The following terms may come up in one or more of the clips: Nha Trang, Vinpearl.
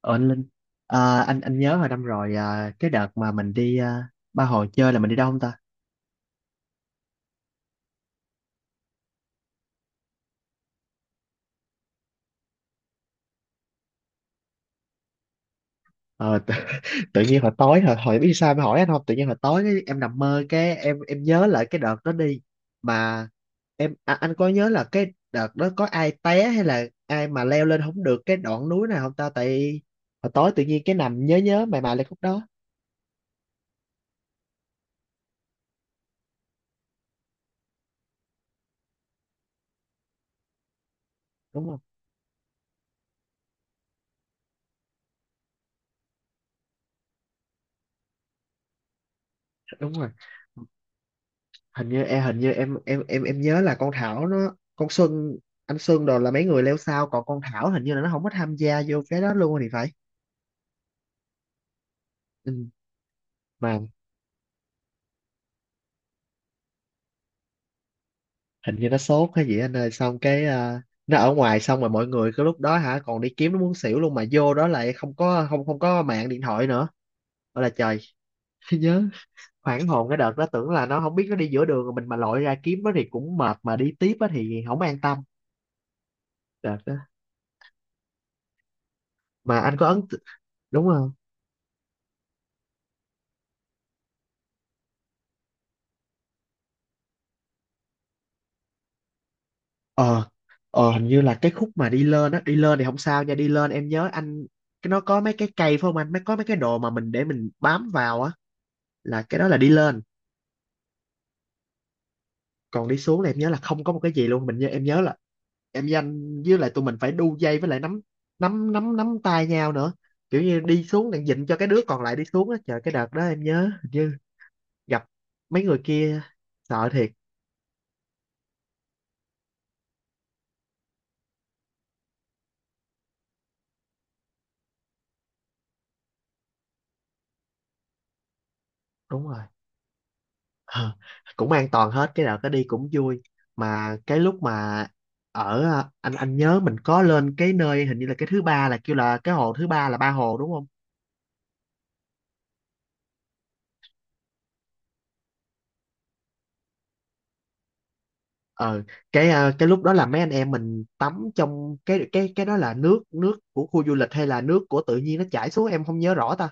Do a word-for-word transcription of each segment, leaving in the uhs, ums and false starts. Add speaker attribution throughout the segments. Speaker 1: Ờ anh Linh à, anh anh nhớ hồi năm rồi à, cái đợt mà mình đi à, ba hồi chơi là mình đi đâu không ta? Ờ, tự, Tự nhiên hồi tối hồi hồi biết sao em hỏi anh không? Tự nhiên hồi tối cái, em nằm mơ cái em em nhớ lại cái đợt đó đi mà. Em à, anh có nhớ là cái đợt đó có ai té hay là ai mà leo lên không được cái đoạn núi này không ta? Tại hồi tối tự nhiên cái nằm nhớ nhớ mày mày lại khúc đó đúng không? Đúng rồi. Hình như em hình như em em em em nhớ là con Thảo, nó, con Xuân, anh Xuân đồ là mấy người leo sao, còn con Thảo hình như là nó không có tham gia vô cái đó luôn thì phải. Ừ. Mà hình như nó sốt hay gì anh ơi, xong cái à, nó ở ngoài, xong rồi mọi người cái lúc đó hả còn đi kiếm nó muốn xỉu luôn, mà vô đó lại không có, không không có mạng điện thoại nữa. Ôi là trời. Nhớ hoảng hồn cái đợt đó, tưởng là nó không biết nó đi giữa đường rồi, mình mà lội ra kiếm nó thì cũng mệt, mà đi tiếp á thì không an tâm. Đợt đó mà anh có ấn t- đúng không? ờ ờ Hình như là cái khúc mà đi lên á, đi lên thì không sao nha, đi lên em nhớ anh, cái nó có mấy cái cây phải không anh, mấy có mấy cái đồ mà mình để mình bám vào á, là cái đó là đi lên. Còn đi xuống là em nhớ là không có một cái gì luôn, mình nhớ, em nhớ là em với anh với lại tụi mình phải đu dây, với lại nắm nắm nắm nắm tay nhau nữa. Kiểu như đi xuống đang dịnh cho cái đứa còn lại đi xuống, á trời cái đợt đó em nhớ hình như gặp mấy người kia, sợ thiệt. Đúng rồi. Ờ, Cũng an toàn hết, cái nào cái đi cũng vui. Mà cái lúc mà ở à, anh anh nhớ mình có lên cái nơi hình như là cái thứ ba, là kêu là cái hồ thứ ba là ba hồ đúng không? ờ cái à, cái lúc đó là mấy anh em mình tắm trong cái cái cái đó, là nước nước của khu du lịch hay là nước của tự nhiên nó chảy xuống em không nhớ rõ ta.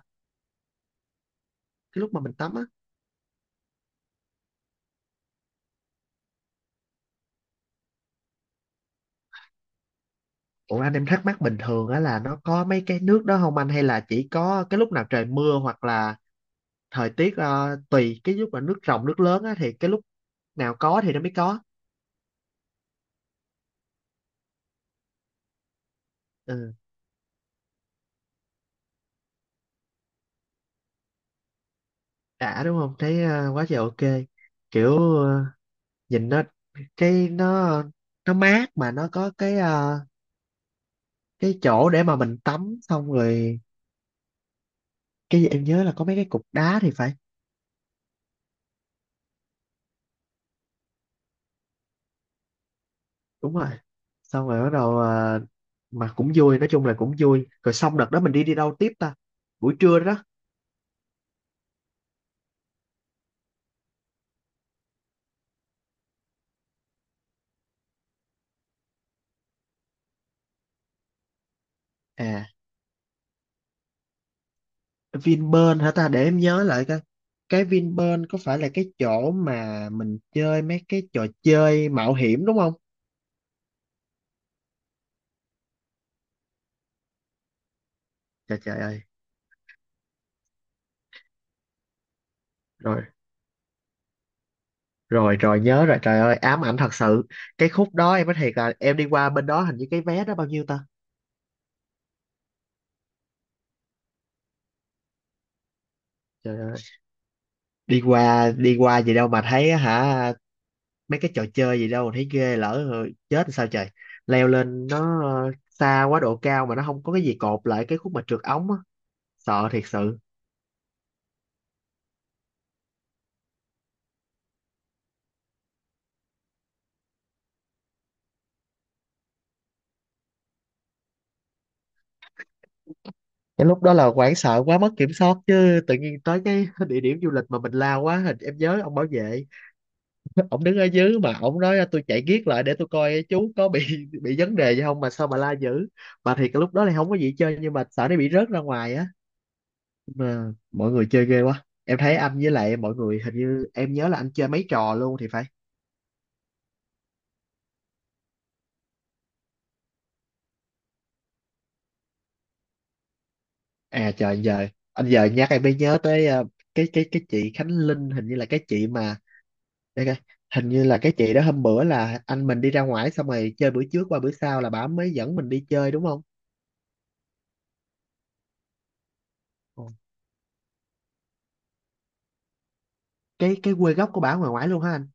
Speaker 1: Cái lúc mà mình tắm á. Ủa anh, em thắc mắc bình thường á là nó có mấy cái nước đó không anh, hay là chỉ có cái lúc nào trời mưa, hoặc là thời tiết à, tùy cái lúc mà nước ròng nước lớn á thì cái lúc nào có thì nó mới có. Ừ, đã đúng không, thấy ờ, quá trời, ok, kiểu ờ, nhìn nó cái nó nó mát, mà nó có cái ờ, cái chỗ để mà mình tắm xong rồi, cái gì em nhớ là có mấy cái cục đá thì phải. Đúng rồi. Xong rồi bắt đầu ờ, mà cũng vui, nói chung là cũng vui rồi, xong đợt đó mình đi đi đâu tiếp ta? Buổi trưa đó. À Vinpearl hả ta, để em nhớ lại coi, cái Vinpearl có phải là cái chỗ mà mình chơi mấy cái trò chơi mạo hiểm đúng không? Trời, trời ơi. Rồi rồi rồi, nhớ rồi, trời ơi ám ảnh thật sự. Cái khúc đó em nói thiệt là em đi qua bên đó, hình như cái vé đó bao nhiêu ta? Trời ơi, đi qua đi qua gì đâu mà thấy á hả, mấy cái trò chơi gì đâu mà thấy ghê, lỡ rồi chết sao trời. Leo lên nó ờ, xa quá, độ cao mà nó không có cái gì cột lại, cái khúc mà trượt ống á, sợ thiệt sự. Cái lúc đó là hoảng sợ quá mất kiểm soát chứ, tự nhiên tới cái địa điểm du lịch mà mình lao quá hình, em nhớ ông bảo vệ, ông đứng ở dưới mà ông nói tôi chạy giết lại để tôi coi chú có bị bị vấn đề gì không mà sao mà la dữ. Mà thì cái lúc đó thì không có gì chơi, nhưng mà sợ nó bị rớt ra ngoài á, mà mọi người chơi ghê quá, em thấy anh với lại mọi người hình như em nhớ là anh chơi mấy trò luôn thì phải. À trời, anh giờ anh giờ nhắc em mới nhớ tới ờ, cái cái cái chị Khánh Linh, hình như là cái chị mà để coi, hình như là cái chị đó hôm bữa là anh mình đi ra ngoài xong rồi chơi, bữa trước qua bữa sau là bà mới dẫn mình đi chơi đúng không? Ồ, cái cái quê gốc của bà ở ngoài ngoài luôn ha anh?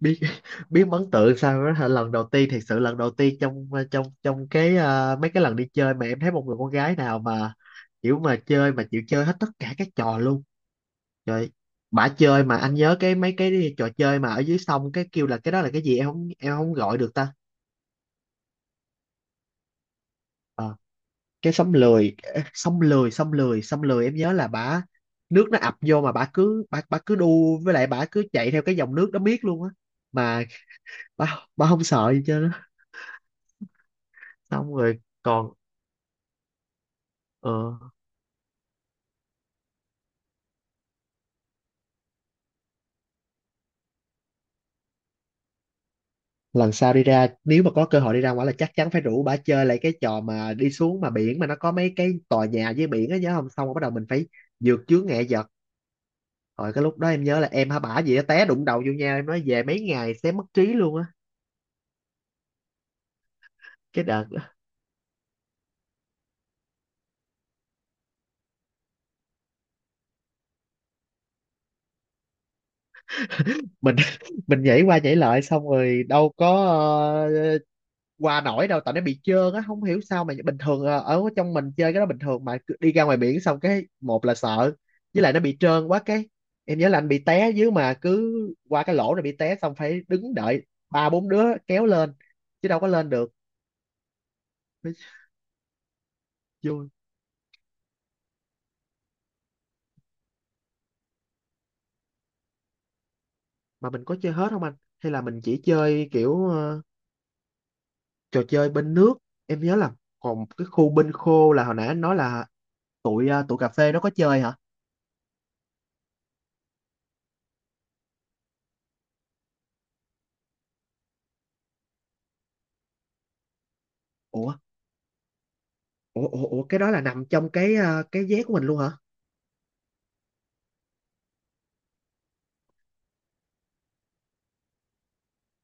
Speaker 1: Biết, biết ấn tượng sao đó hả? Lần đầu tiên thật sự, lần đầu tiên trong ờ, trong trong cái à, mấy cái lần đi chơi mà em thấy một người con gái nào mà kiểu mà chơi mà chịu chơi hết tất cả các trò luôn. Trời, bả chơi mà, anh nhớ cái mấy cái trò chơi mà ở dưới sông cái kêu là cái đó là cái gì em không em không gọi được ta? Ờ, cái sông lười, sông lười, sông lười, sông lười, em nhớ là bả, nước nó ập vô mà bả cứ bả bả cứ đu với lại bả cứ chạy theo cái dòng nước đó miết luôn á, mà bả bả không sợ gì chứ. Xong rồi còn ờ lần sau đi ra, nếu mà có cơ hội đi ra ngoài là chắc chắn phải rủ bà chơi lại cái trò mà đi xuống mà biển mà nó có mấy cái tòa nhà với biển á, nhớ không, xong rồi bắt đầu mình phải vượt chướng ngại vật. Rồi cái lúc đó em nhớ là em hả bả gì á té đụng đầu vô nhau, em nói về mấy ngày sẽ mất trí luôn á, cái đợt đó. Mình mình nhảy qua nhảy lại xong rồi đâu có qua nổi đâu, tại nó bị trơn á không hiểu sao mà bình thường ờ, ở trong mình chơi cái đó bình thường, mà cứ đi ra ngoài biển xong cái một là sợ, với lại nó bị trơn quá cái em nhớ là anh bị té dưới mà cứ qua cái lỗ rồi bị té, xong phải đứng đợi ba bốn đứa kéo lên chứ đâu có lên được. Mới vui. Mà mình có chơi hết không anh, hay là mình chỉ chơi kiểu ờ, trò chơi bên nước, em nhớ là, còn cái khu bên khô là hồi nãy anh nói là tụi ờ, tụi cà phê nó có chơi hả? Ủa, ủa, ủa, ủa cái đó là nằm trong cái ờ, cái vé của mình luôn hả?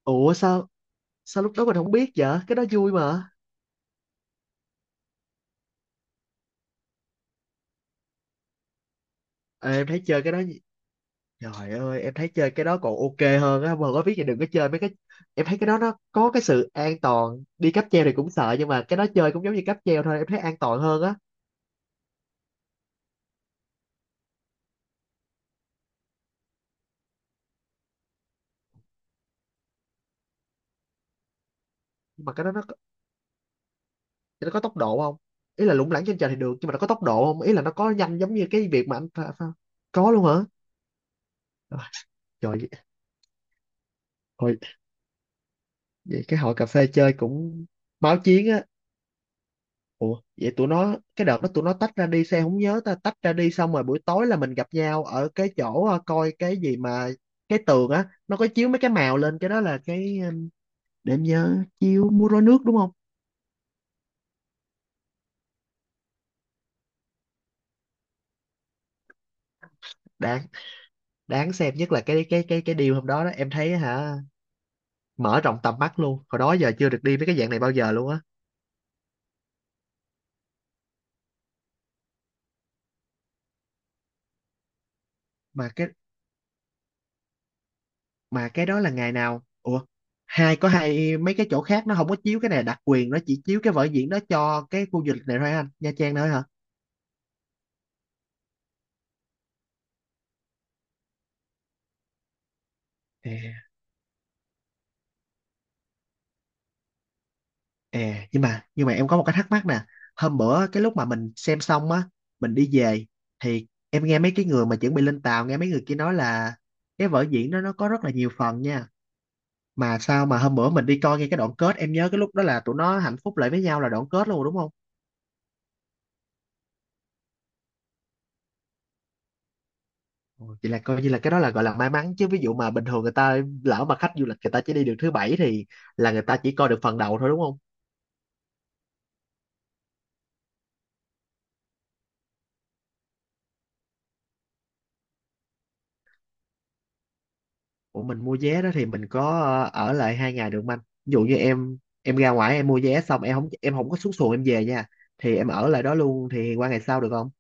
Speaker 1: Ủa, sao sao lúc đó mình không biết vậy, cái đó vui mà. Ờ, em thấy chơi cái đó, trời ơi em thấy chơi cái đó còn ok hơn á, mà có biết thì đừng có chơi mấy cái, em thấy cái đó nó có cái sự an toàn, đi cáp treo thì cũng sợ nhưng mà cái đó chơi cũng giống như cáp treo thôi, em thấy an toàn hơn á. Nhưng mà cái đó nó có- nó có tốc độ không? Ý là lủng lẳng trên trời thì được nhưng mà nó có tốc độ không, ý là nó có nhanh giống như cái việc mà anh pha- pha- có luôn hả? Rồi trời. Thôi, vậy cái hội cà phê chơi cũng máu chiến á. Ủa, vậy tụi nó cái đợt đó tụi nó tách ra đi sao em không nhớ ta, tách ra đi xong rồi buổi tối là mình gặp nhau ở cái chỗ ờ, coi cái gì mà cái tường á nó có chiếu mấy cái màu lên, cái đó là cái ờ, để em nhớ, chiếu múa rối nước đúng không? Đáng đáng xem nhất là cái cái cái cái điều hôm đó đó, em thấy hả, mở rộng tầm mắt luôn, hồi đó giờ chưa được đi mấy cái dạng này bao giờ luôn á. Mà cái mà cái đó là ngày nào ủa, hai có hai mấy cái chỗ khác nó không có chiếu cái này, đặc quyền nó chỉ chiếu cái vở diễn đó cho cái khu du lịch này thôi anh, Nha Trang thôi hả? À, nhưng mà nhưng mà em có một cái thắc mắc nè. Hôm bữa cái lúc mà mình xem xong á, mình đi về, thì em nghe mấy cái người mà chuẩn bị lên tàu, nghe mấy người kia nói là cái vở diễn đó nó có rất là nhiều phần nha. Mà sao mà hôm bữa mình đi coi ngay cái đoạn kết, em nhớ cái lúc đó là tụi nó hạnh phúc lại với nhau là đoạn kết luôn, đúng không? Ồ, vậy là coi như là cái đó là gọi là may mắn chứ, ví dụ mà bình thường người ta, lỡ mà khách du lịch người ta chỉ đi được thứ bảy thì là người ta chỉ coi được phần đầu thôi đúng không? Ủa mình mua vé đó thì mình có ờ, ở lại hai ngày được không anh? Ví dụ như em em ra ngoài em mua vé, xong em không em không có xuống xuồng em về nha. Thì em ở lại đó luôn thì qua ngày sau được không?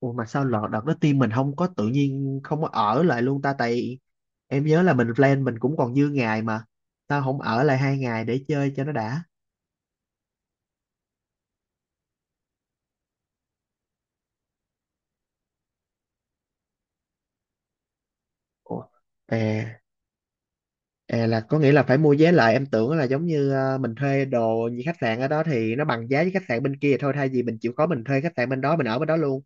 Speaker 1: Ủa mà sao lọt đợt đó team mình không có tự nhiên không có ở lại luôn ta, tại em nhớ là mình plan mình cũng còn dư ngày mà. Sao không ở lại hai ngày để chơi cho nó đã? Ủa à, à là có nghĩa là phải mua vé lại, em tưởng là giống như ờ, mình thuê đồ như khách sạn ở đó thì nó bằng giá với khách sạn bên kia thôi, thay vì mình chịu khó mình thuê khách sạn bên đó mình ở bên đó luôn.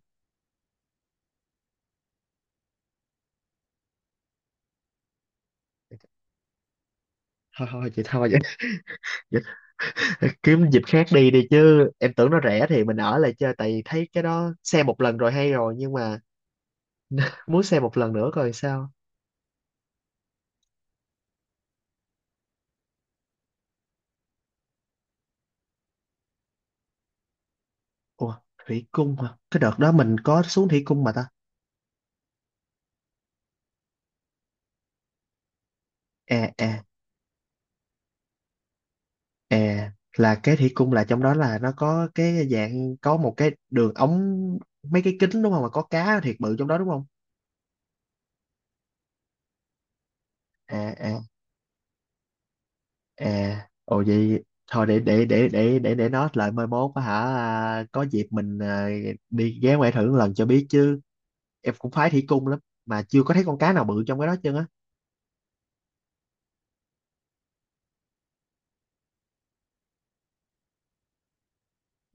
Speaker 1: Thôi thôi chị, thôi kiếm dịp khác đi đi chứ, em tưởng nó rẻ thì mình ở lại chơi tại vì thấy cái đó xem một lần rồi hay rồi nhưng mà muốn xem một lần nữa coi sao. Ủa thủy cung hả, cái đợt đó mình có xuống thủy cung mà ta. À à à là cái thủy cung là trong đó là nó có cái dạng có một cái đường ống, mấy cái kính đúng không, mà có cá thiệt bự trong đó đúng không? À à à, ồ vậy thôi, để để để để để để nó lại mai mốt á hả, à, có dịp mình à, đi ghé ngoài thử một lần cho biết chứ, em cũng khoái thủy cung lắm mà chưa có thấy con cá nào bự trong cái đó trơn á.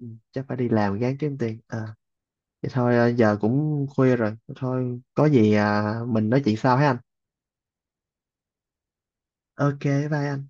Speaker 1: Ừ, chắc phải đi làm gán kiếm tiền à. Vậy thôi à, giờ cũng khuya rồi, thôi có gì à, mình nói chuyện sau ha anh. Ok, bye anh.